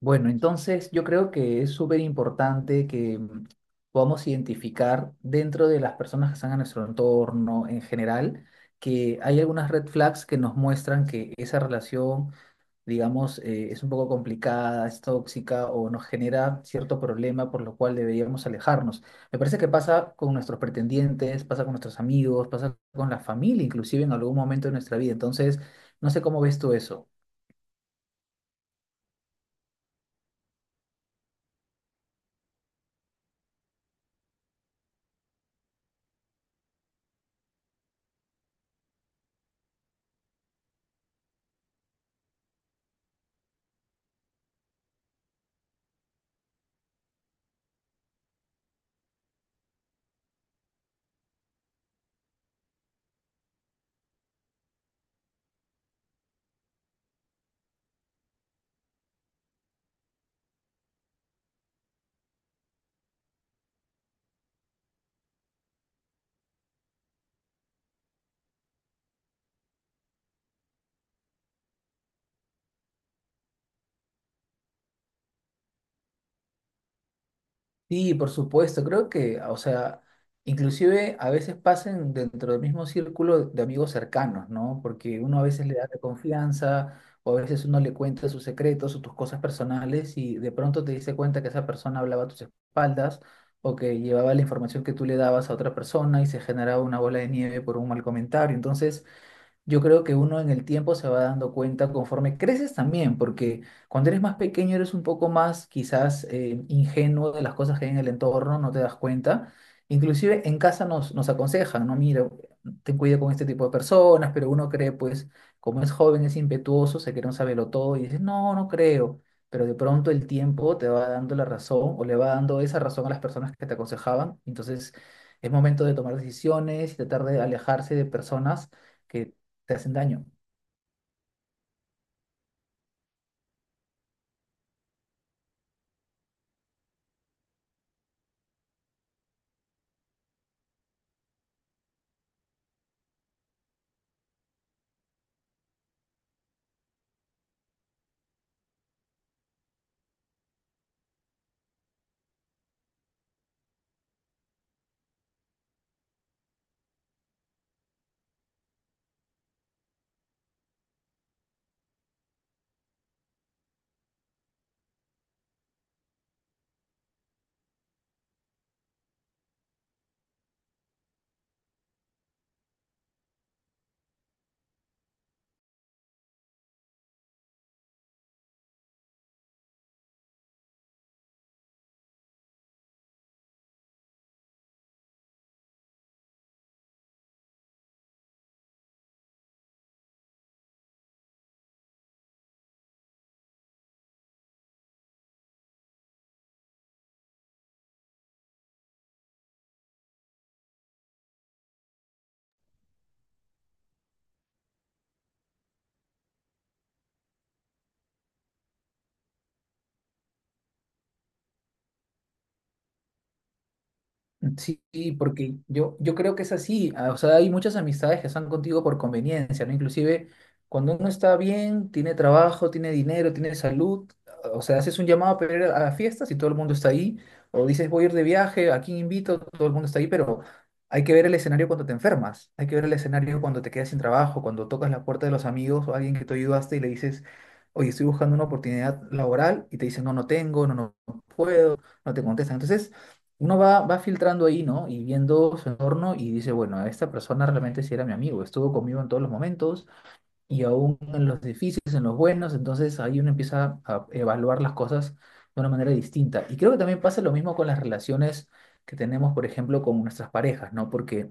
Bueno, entonces yo creo que es súper importante que podamos identificar dentro de las personas que están en nuestro entorno en general, que hay algunas red flags que nos muestran que esa relación, digamos, es un poco complicada, es tóxica o nos genera cierto problema por lo cual deberíamos alejarnos. Me parece que pasa con nuestros pretendientes, pasa con nuestros amigos, pasa con la familia, inclusive en algún momento de nuestra vida. Entonces, no sé cómo ves tú eso. Sí, por supuesto, creo que, o sea, inclusive a veces pasan dentro del mismo círculo de amigos cercanos, ¿no? Porque uno a veces le da la confianza o a veces uno le cuenta sus secretos o tus cosas personales y de pronto te diste cuenta que esa persona hablaba a tus espaldas o que llevaba la información que tú le dabas a otra persona y se generaba una bola de nieve por un mal comentario. Entonces, yo creo que uno en el tiempo se va dando cuenta conforme creces también, porque cuando eres más pequeño eres un poco más quizás ingenuo de las cosas que hay en el entorno, no te das cuenta. Inclusive en casa nos aconsejan, no, mira, ten cuidado con este tipo de personas, pero uno cree, pues, como es joven, es impetuoso, se quiere un saberlo todo y dice, no, no creo. Pero de pronto el tiempo te va dando la razón o le va dando esa razón a las personas que te aconsejaban. Entonces es momento de tomar decisiones y tratar de alejarse de personas que te hacen daño. Sí, sí, porque yo creo que es así. Ah, o sea, hay muchas amistades que están contigo por conveniencia, ¿no? Inclusive cuando uno está bien, tiene trabajo, tiene dinero, tiene salud, ah, o sea, haces un llamado para ir a fiestas y todo el mundo está ahí, o dices voy a ir de viaje, aquí invito, todo el mundo está ahí, pero hay que ver el escenario cuando te enfermas, hay que ver el escenario cuando te quedas sin trabajo, cuando tocas la puerta de los amigos o alguien que te ayudaste y le dices, oye, estoy buscando una oportunidad laboral y te dicen, no, no tengo, no, no puedo, no te contestan. Entonces uno va filtrando ahí, ¿no? Y viendo su entorno y dice, bueno, esta persona realmente sí era mi amigo, estuvo conmigo en todos los momentos y aún en los difíciles, en los buenos, entonces ahí uno empieza a evaluar las cosas de una manera distinta. Y creo que también pasa lo mismo con las relaciones que tenemos, por ejemplo, con nuestras parejas, ¿no? Porque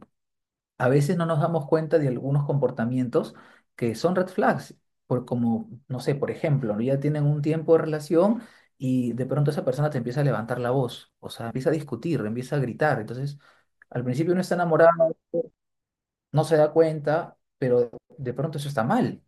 a veces no nos damos cuenta de algunos comportamientos que son red flags, por como, no sé, por ejemplo, ¿no? Ya tienen un tiempo de relación y de pronto esa persona te empieza a levantar la voz, o sea, empieza a discutir, empieza a gritar, entonces al principio uno está enamorado, no se da cuenta, pero de pronto eso está mal.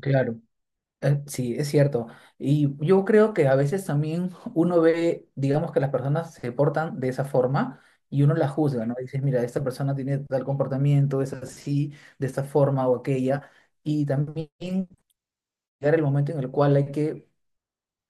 Claro. Sí, es cierto. Y yo creo que a veces también uno ve, digamos que las personas se portan de esa forma y uno la juzga, ¿no? Dices, mira, esta persona tiene tal comportamiento, es así, de esta forma o aquella. Y también llegar el momento en el cual hay que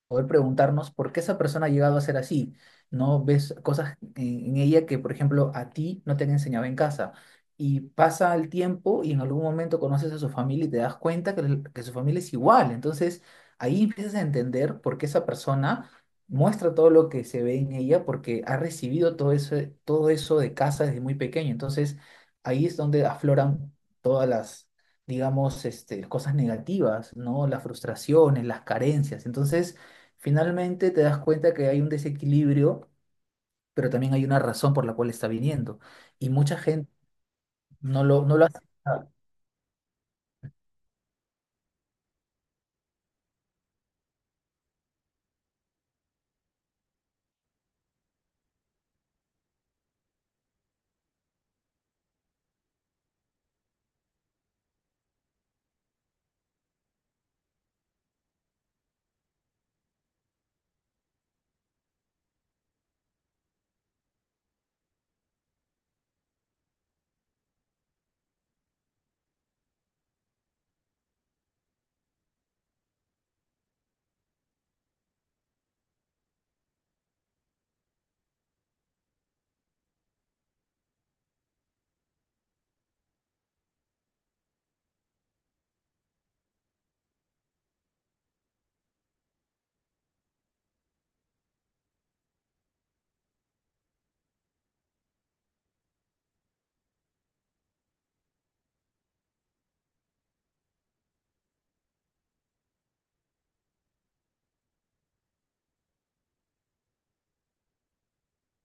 poder preguntarnos por qué esa persona ha llegado a ser así, ¿no? Ves cosas en ella que, por ejemplo, a ti no te han enseñado en casa. Y pasa el tiempo y en algún momento conoces a su familia y te das cuenta que, que su familia es igual. Entonces, ahí empiezas a entender por qué esa persona muestra todo lo que se ve en ella porque ha recibido todo eso de casa desde muy pequeño. Entonces, ahí es donde afloran todas las, digamos, este, cosas negativas, ¿no? Las frustraciones, las carencias. Entonces, finalmente te das cuenta que hay un desequilibrio, pero también hay una razón por la cual está viniendo. Y mucha gente no lo hace.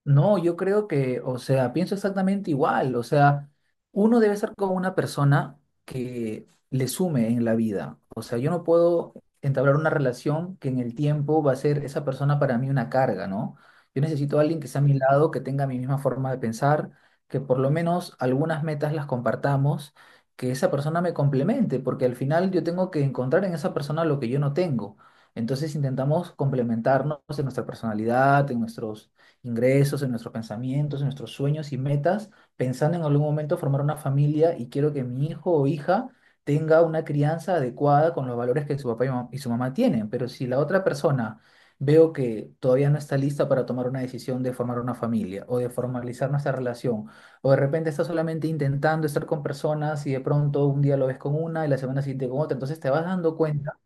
No, yo creo que, o sea, pienso exactamente igual. O sea, uno debe ser como una persona que le sume en la vida. O sea, yo no puedo entablar una relación que en el tiempo va a ser esa persona para mí una carga, ¿no? Yo necesito a alguien que sea a mi lado, que tenga mi misma forma de pensar, que por lo menos algunas metas las compartamos, que esa persona me complemente, porque al final yo tengo que encontrar en esa persona lo que yo no tengo. Entonces intentamos complementarnos en nuestra personalidad, en nuestros ingresos, en nuestros pensamientos, en nuestros sueños y metas, pensando en algún momento formar una familia y quiero que mi hijo o hija tenga una crianza adecuada con los valores que su papá y su mamá tienen. Pero si la otra persona veo que todavía no está lista para tomar una decisión de formar una familia o de formalizar nuestra relación, o de repente está solamente intentando estar con personas y de pronto un día lo ves con una y la semana siguiente con otra, entonces te vas dando cuenta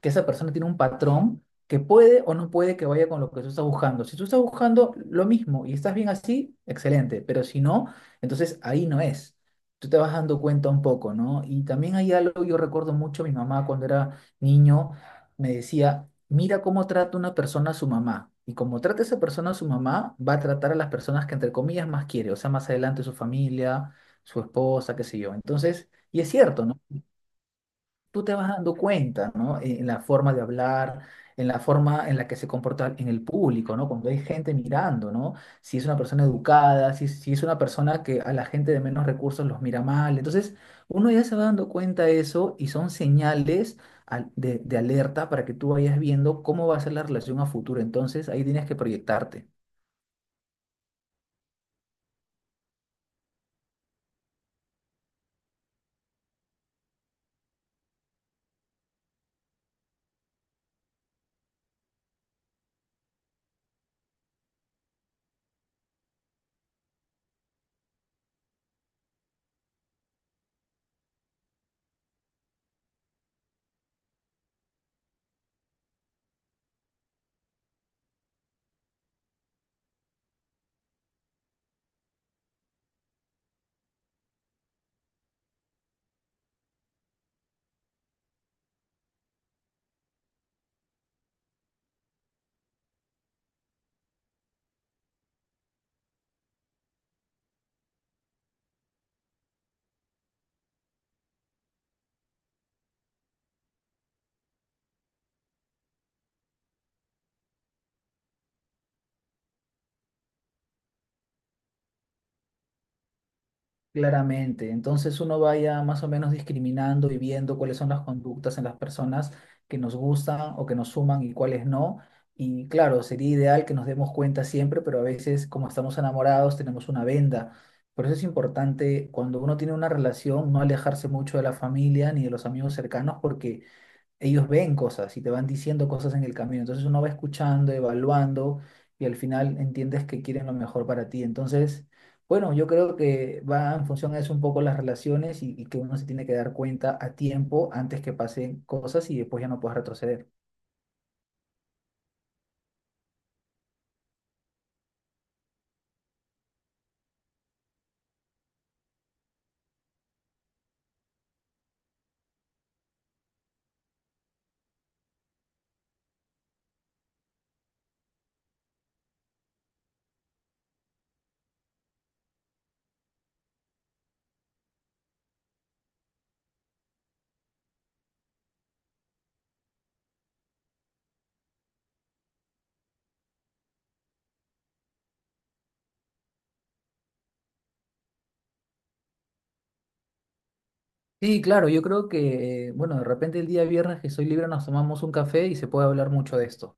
que esa persona tiene un patrón que puede o no puede que vaya con lo que tú estás buscando. Si tú estás buscando lo mismo y estás bien así, excelente, pero si no, entonces ahí no es. Tú te vas dando cuenta un poco, ¿no? Y también hay algo, yo recuerdo mucho, mi mamá cuando era niño me decía, mira cómo trata una persona a su mamá. Y como trata esa persona a su mamá, va a tratar a las personas que entre comillas más quiere, o sea, más adelante su familia, su esposa, qué sé yo. Entonces, y es cierto, ¿no? Tú te vas dando cuenta, ¿no? En la forma de hablar, en la forma en la que se comporta en el público, ¿no? Cuando hay gente mirando, ¿no? Si es una persona educada, si es una persona que a la gente de menos recursos los mira mal. Entonces, uno ya se va dando cuenta de eso y son señales de alerta para que tú vayas viendo cómo va a ser la relación a futuro. Entonces, ahí tienes que proyectarte. Claramente. Entonces uno vaya más o menos discriminando y viendo cuáles son las conductas en las personas que nos gustan o que nos suman y cuáles no. Y claro, sería ideal que nos demos cuenta siempre, pero a veces como estamos enamorados tenemos una venda. Por eso es importante cuando uno tiene una relación no alejarse mucho de la familia ni de los amigos cercanos porque ellos ven cosas y te van diciendo cosas en el camino. Entonces uno va escuchando, evaluando y al final entiendes que quieren lo mejor para ti. Entonces, bueno, yo creo que va en función a eso un poco las relaciones y que uno se tiene que dar cuenta a tiempo antes que pasen cosas y después ya no puedes retroceder. Sí, claro, yo creo que, bueno, de repente el día viernes que soy libre nos tomamos un café y se puede hablar mucho de esto.